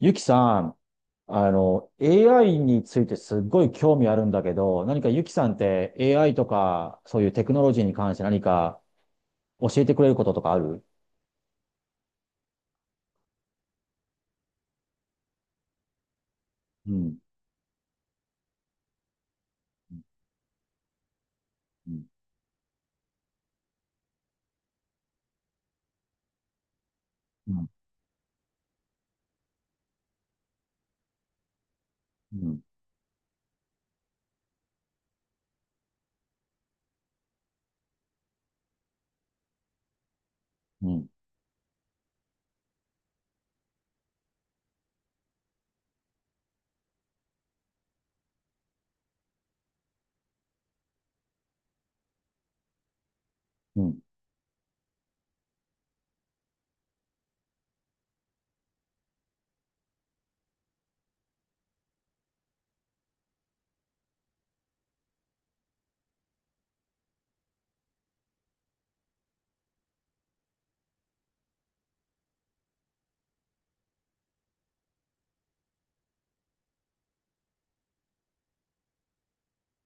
ゆきさん、AI についてすっごい興味あるんだけど、何かゆきさんって AI とか、そういうテクノロジーに関して何か教えてくれることとかある？うん、うん、うん、うん、うん、うん、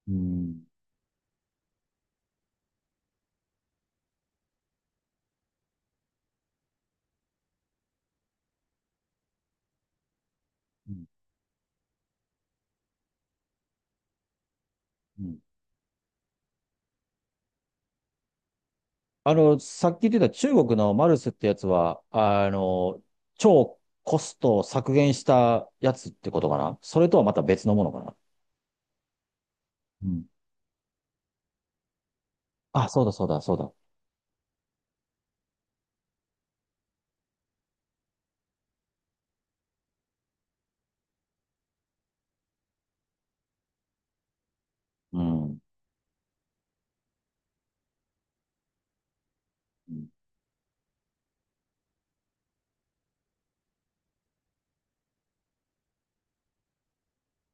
うん、うん。さっき言ってた中国のマルスってやつは、超コストを削減したやつってことかな。それとはまた別のものかな。うん。あ、そうだ、そうだ、そうだ。うん、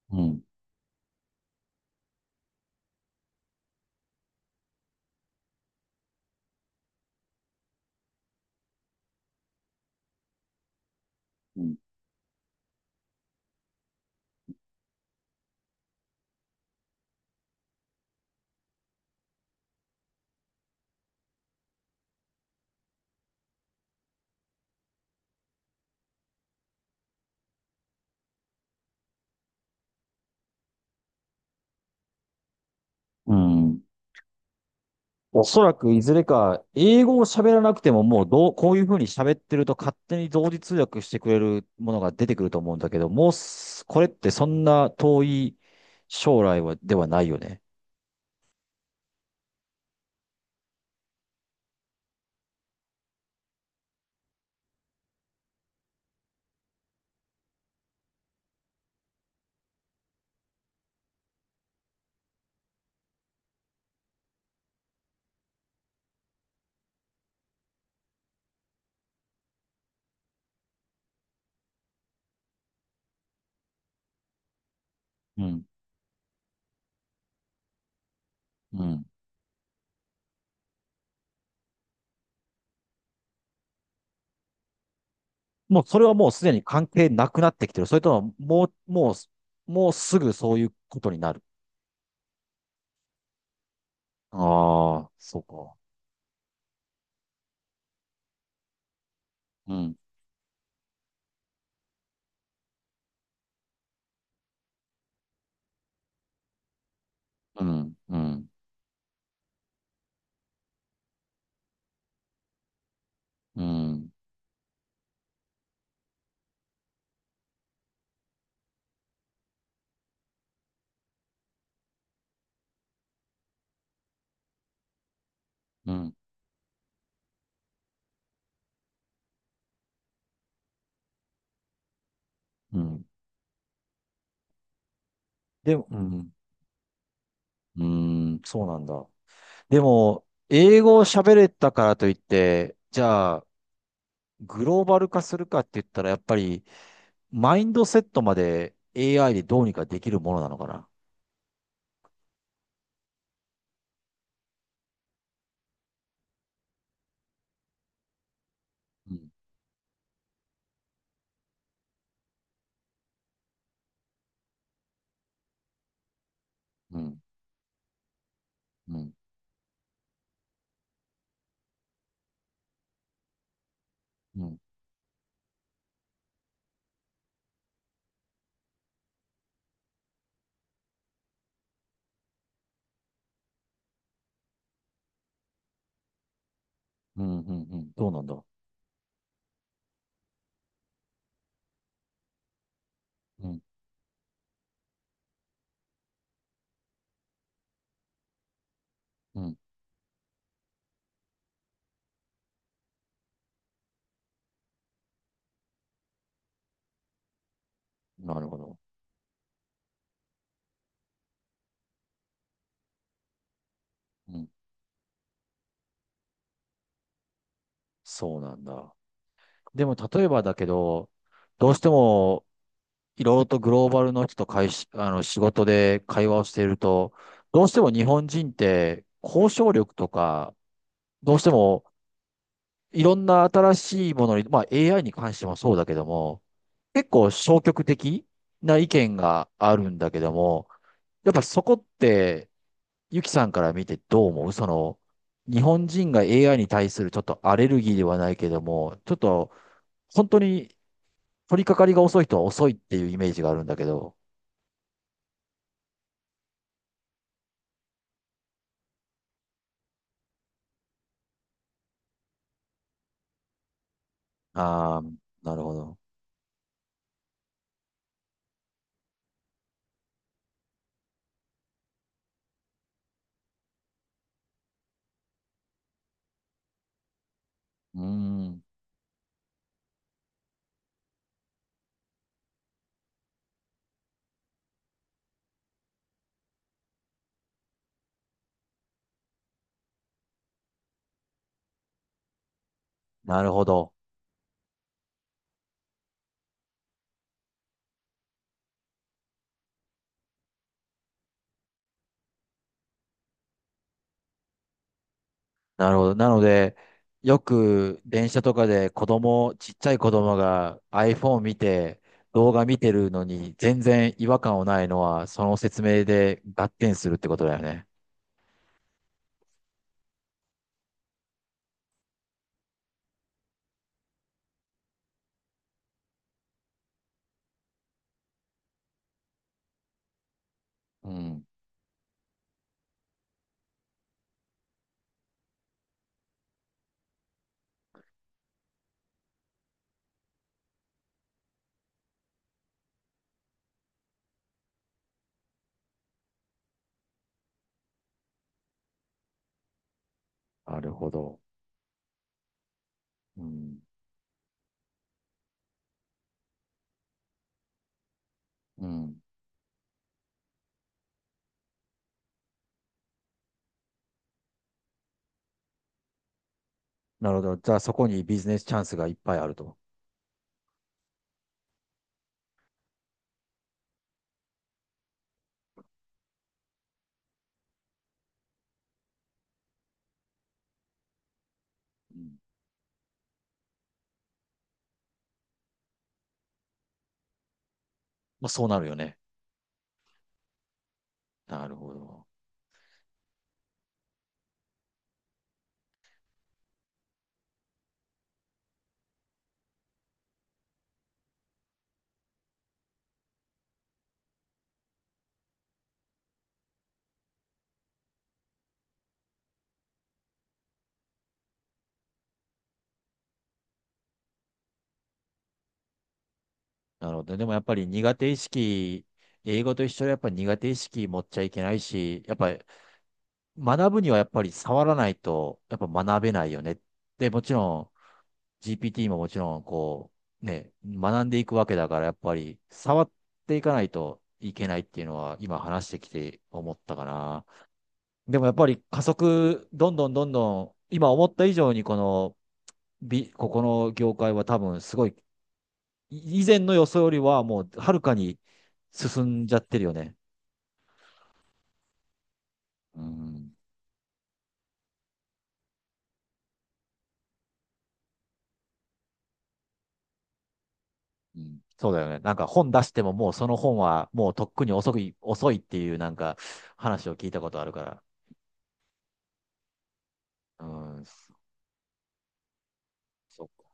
うん、うん。うん、おそらくいずれか、英語を喋らなくてももうどう、こういうふうに喋ってると勝手に同時通訳してくれるものが出てくると思うんだけど、もうす、これってそんな遠い将来は、ではないよね。うん。うん。もうそれはもうすでに関係なくなってきてる。それとも、もうすぐそういうことになる。ああ、そうか。うん、うん、うん、うん、うん、うん。でも、うん、うん、そうなんだ。でも、英語を喋れたからといって、じゃあ、グローバル化するかって言ったら、やっぱり、マインドセットまで AI でどうにかできるものなのかな。うん、うん、うん、うん、うん、うん、うん、どうなんだ。うん、うん、なるほど。うん、そうなんだ。でも、例えばだけど、どうしても、いろいろとグローバルの人と会し、あの、仕事で会話をしていると、どうしても日本人って、交渉力とか、どうしても、いろんな新しいものに、まあ AI に関してもそうだけども、結構消極的な意見があるんだけども、やっぱそこって、ゆきさんから見てどう思う日本人が AI に対するちょっとアレルギーではないけども、ちょっと本当に取り掛かりが遅い人は遅いっていうイメージがあるんだけど。ああ、なるほど。うーん、なるほど。なるほど。なので、よく電車とかで子供、ちっちゃい子供が iPhone 見て、動画見てるのに全然違和感をないのは、その説明で合点するってことだよね。うん、なるほど。うん。うん、なるほど。じゃあそこにビジネスチャンスがいっぱいあると。うん。まあ、そうなるよね。なるほど。なるほど。でもやっぱり苦手意識、英語と一緒でやっぱり苦手意識持っちゃいけないし、やっぱ学ぶにはやっぱり触らないと、やっぱ学べないよね。で、もちろん GPT ももちろんこう、ね、学んでいくわけだから、やっぱり触っていかないといけないっていうのは今話してきて思ったかな。でもやっぱり加速、どんどんどんどん、今思った以上にこの業界は多分すごい、以前の予想よりはもうはるかに進んじゃってるよね。うん、うん、そうだよね。なんか本出してももうその本はもうとっくに遅い、遅いっていうなんか話を聞いたことあるから。うん、そっか。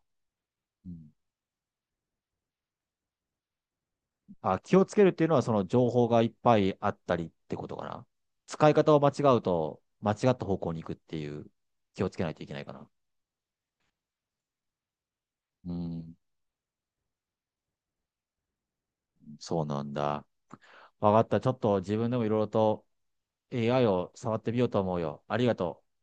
うん。あ、気をつけるっていうのはその情報がいっぱいあったりってことかな。使い方を間違うと間違った方向に行くっていう気をつけないといけないかな。うん、そうなんだ。わかった。ちょっと自分でもいろいろと AI を触ってみようと思うよ。ありがとう。